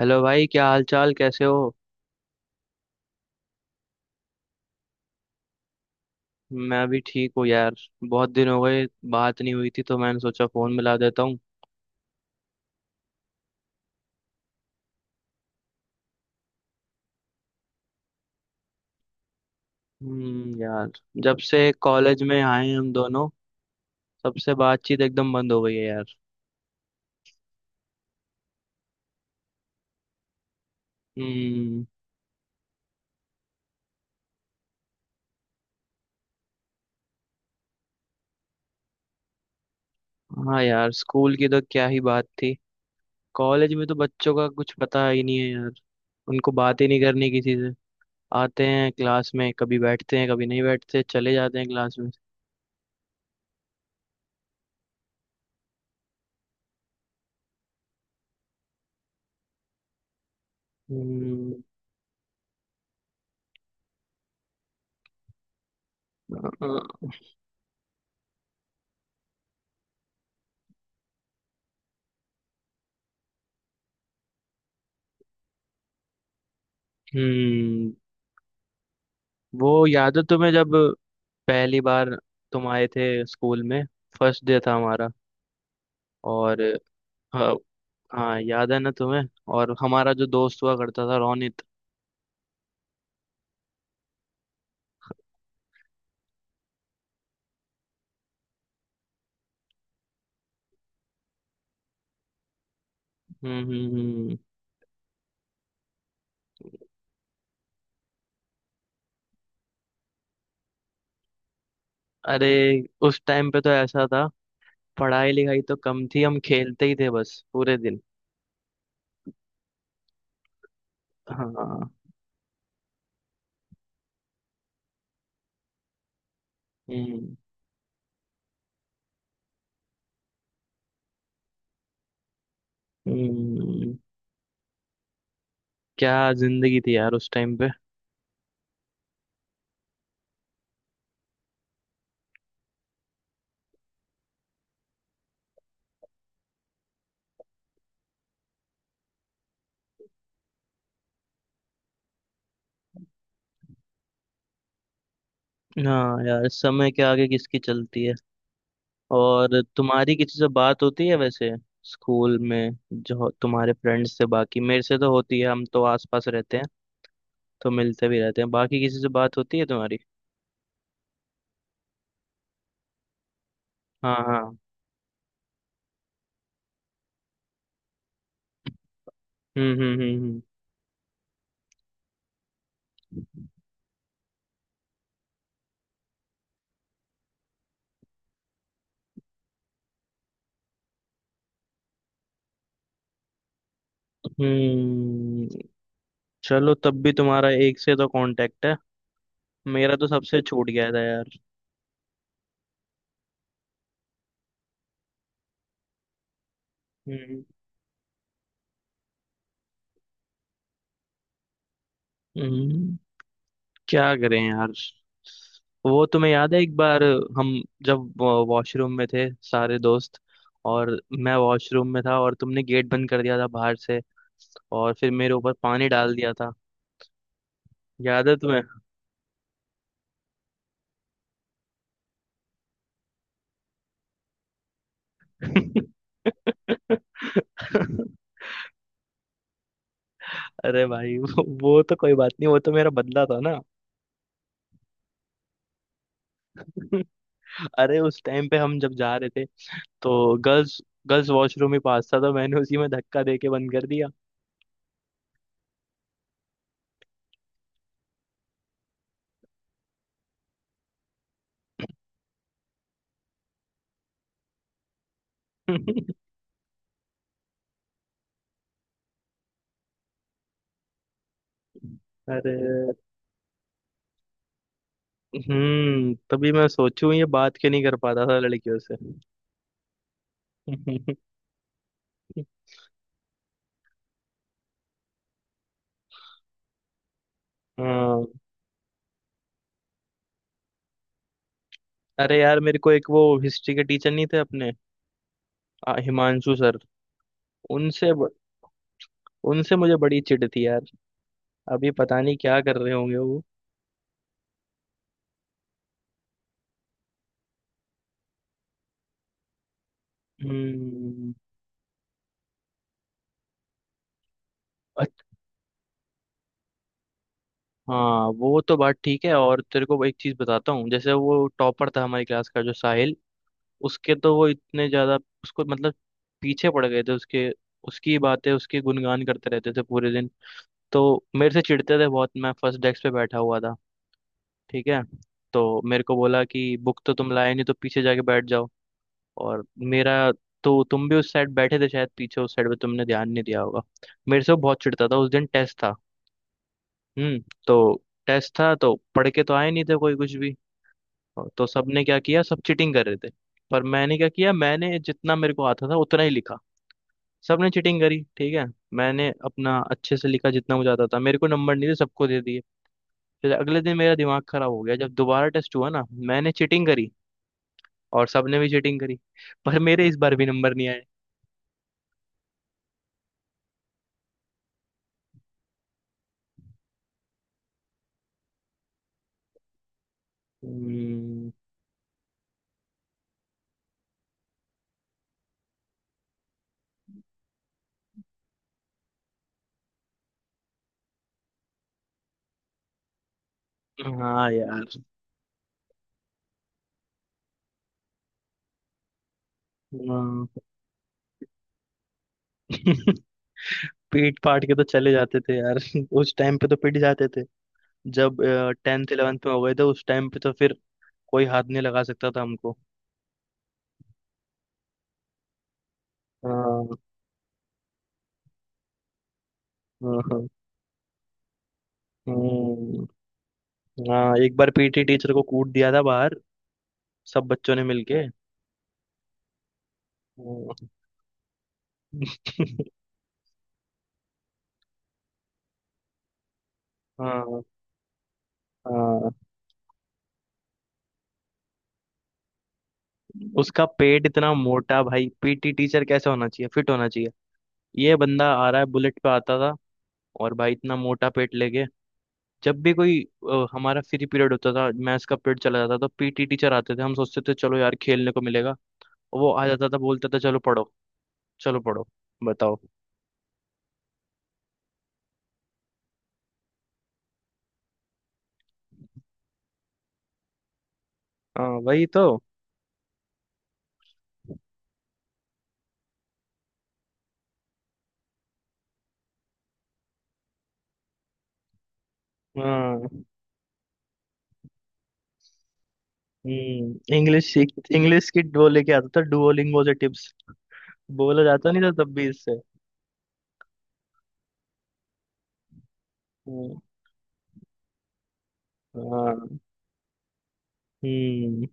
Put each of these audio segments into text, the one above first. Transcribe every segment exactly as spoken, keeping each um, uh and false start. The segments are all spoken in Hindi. हेलो भाई, क्या हाल चाल, कैसे हो। मैं भी ठीक हूँ यार। बहुत दिन हो गए, बात नहीं हुई थी, तो मैंने सोचा फोन मिला देता हूँ। हम्म यार। जब से कॉलेज में आए हैं हम दोनों, तब से बातचीत एकदम बंद हो गई है यार। हम्म। हाँ यार, स्कूल की तो क्या ही बात थी। कॉलेज में तो बच्चों का कुछ पता ही नहीं है यार। उनको बात ही नहीं करनी किसी से। आते हैं क्लास में, कभी बैठते हैं कभी नहीं बैठते, चले जाते हैं क्लास में। हम्म। अ- अ- हम्म। वो याद है तुम्हें जब पहली बार तुम आए थे स्कूल में, फर्स्ट डे था हमारा, और हाँ। हाँ, याद है ना तुम्हें, और हमारा जो दोस्त हुआ करता था रोनित। हम्म हम्म हम्म। अरे, उस टाइम पे तो ऐसा था, पढ़ाई लिखाई तो कम थी, हम खेलते ही थे बस पूरे दिन। हाँ। हम्म। हम्म। क्या जिंदगी थी यार उस टाइम पे। हाँ यार, समय के आगे किसकी चलती है। और तुम्हारी किसी से बात होती है वैसे, स्कूल में जो तुम्हारे फ्रेंड्स से। बाकी मेरे से तो होती है, हम तो आसपास रहते हैं, तो मिलते भी रहते हैं, बाकी किसी से बात होती है तुम्हारी। हाँ हाँ। हम्म हम्म हम्म। हम्म। हम्म, चलो तब भी तुम्हारा एक से तो कांटेक्ट है। मेरा तो सबसे छूट गया था यार। हम्म। हम्म। क्या करें यार। वो तुम्हें याद है एक बार हम जब वॉशरूम में थे सारे दोस्त, और मैं वॉशरूम में था और तुमने गेट बंद कर दिया था बाहर से, और फिर मेरे ऊपर पानी डाल दिया था। याद है तुम्हें। अरे भाई, वो वो तो कोई बात नहीं, वो तो मेरा बदला था ना। अरे, उस टाइम पे हम जब जा रहे थे तो गर्ल्स गर्ल्स वॉशरूम ही पास था, तो मैंने उसी में धक्का दे के बंद कर दिया। अरे। हम्म, तभी मैं सोचूं ये बात क्यों नहीं कर पाता था लड़कियों से। हाँ। अरे यार, मेरे को एक, वो हिस्ट्री के टीचर नहीं थे अपने, आ, हिमांशु सर, उनसे ब- उनसे मुझे बड़ी चिढ़ थी यार। अभी पता नहीं क्या कर रहे होंगे वो। हम्म। अच्छ- हाँ वो तो बात ठीक है, और तेरे को एक चीज बताता हूँ। जैसे वो टॉपर था हमारी क्लास का, जो साहिल, उसके तो वो इतने ज्यादा, उसको मतलब पीछे पड़ गए थे उसके। उसकी बातें, उसके गुणगान करते रहते थे पूरे दिन। तो मेरे से चिढ़ते थे बहुत। मैं फर्स्ट डेस्क पे बैठा हुआ था, ठीक है, तो मेरे को बोला कि बुक तो तुम लाए नहीं, तो पीछे जाके बैठ जाओ। और मेरा, तो तुम भी उस साइड बैठे थे शायद पीछे, उस साइड पे तुमने ध्यान नहीं दिया होगा। मेरे से वो बहुत चिढ़ता था। उस दिन टेस्ट था। हम्म। तो टेस्ट था तो पढ़ के तो आए नहीं थे कोई कुछ भी, और तो सबने क्या किया, सब चीटिंग कर रहे थे। पर मैंने क्या किया, मैंने जितना मेरे को आता था उतना ही लिखा। सबने चीटिंग करी, ठीक है, मैंने अपना अच्छे से लिखा जितना मुझे आता था, मेरे को नंबर नहीं थे, सबको दे दिए। फिर अगले दिन मेरा दिमाग खराब हो गया, जब दोबारा टेस्ट हुआ ना, मैंने चीटिंग करी, और सबने भी चीटिंग करी, पर मेरे इस बार भी नंबर नहीं आए। हम्म, हाँ यार। हाँ। पीट पाट के तो चले जाते थे यार। उस टाइम पे तो पिट जाते थे, जब टेंथ इलेवेंथ में हो गए थे उस टाइम पे तो फिर कोई हाथ नहीं लगा सकता था हमको। हाँ हाँ। हाँ। हम्म, हाँ, एक बार पीटी टीचर को कूट दिया था बाहर, सब बच्चों ने मिलके। हाँ। हाँ हाँ। उसका पेट इतना मोटा, भाई पीटी टीचर कैसा होना चाहिए, फिट होना चाहिए। ये बंदा आ रहा है बुलेट पे आता था, और भाई इतना मोटा पेट लेके। जब भी कोई, अ, हमारा फ्री पीरियड होता था, मैथ्स का पीरियड चला जाता था, तो पीटी टीचर आते थे, हम सोचते थे चलो यार खेलने को मिलेगा, और वो आ जाता था, बोलता था चलो पढ़ो, चलो पढ़ो, बताओ। हाँ वही तो। हाँ, हम्म, इंग्लिश सीख, इंग्लिश की वो लेके आता था डुओलिंगो से टिप्स, बोला जाता नहीं था तब भी इससे। हम्म, हाँ। हम्म।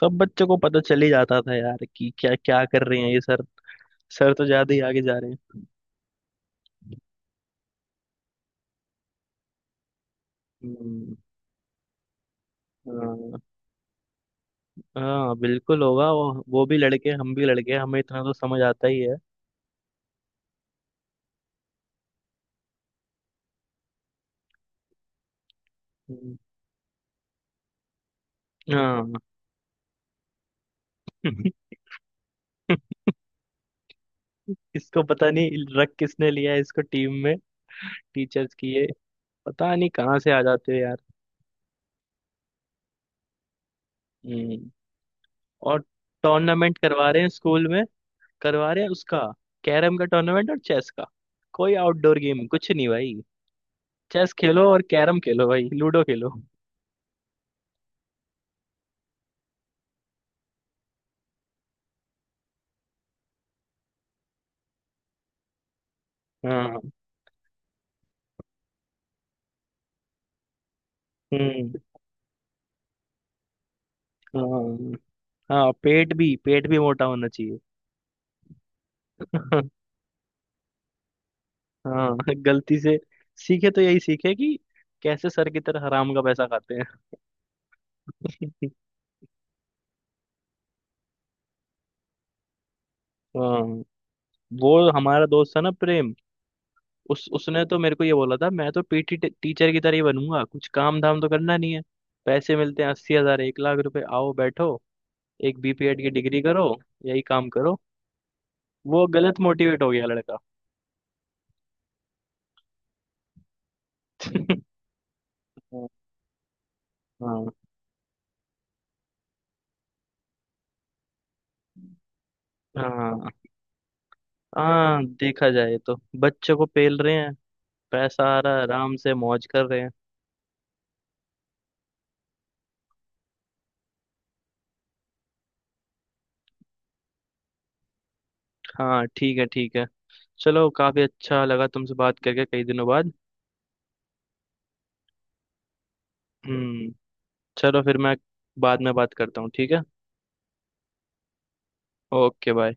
सब बच्चों को पता चल ही जाता था यार, कि क्या क्या कर रहे हैं ये सर, सर तो ज्यादा ही आगे जा रहे हैं। हम्म। हाँ। हाँ, बिल्कुल होगा। वो वो भी लड़के, हम भी लड़के, हमें इतना तो समझ आता ही है। हम्म, हाँ। इसको पता नहीं, रख किसने लिया है इसको टीम में, टीचर्स की ये, पता नहीं कहाँ से आ जाते हो यार। हम्म। और टूर्नामेंट करवा रहे हैं स्कूल में, करवा रहे हैं उसका, कैरम का टूर्नामेंट और चेस का, कोई आउटडोर गेम कुछ नहीं भाई। चेस खेलो और कैरम खेलो भाई, लूडो खेलो। हाँ। हम्म। हाँ। हाँ पेट भी पेट भी मोटा होना चाहिए। हाँ, गलती से सीखे तो यही सीखे, कि कैसे सर की तरह हराम का पैसा खाते हैं। हाँ। वो हमारा दोस्त था ना प्रेम, उस उसने तो मेरे को ये बोला था, मैं तो पीटी टीचर की तरह ही बनूंगा, कुछ काम धाम तो करना नहीं है, पैसे मिलते हैं अस्सी हजार एक लाख रुपए, आओ बैठो, एक बी पी एड की डिग्री करो, यही काम करो, वो गलत मोटिवेट हो गया लड़का। हाँ हाँ। हाँ। हाँ देखा जाए तो बच्चे को पेल रहे हैं, पैसा आ रहा है, आराम से मौज कर रहे हैं। हाँ ठीक है, ठीक है, चलो काफी अच्छा लगा तुमसे बात करके कई दिनों बाद। हम्म, चलो, फिर मैं बाद में बात करता हूँ, ठीक है, ओके बाय।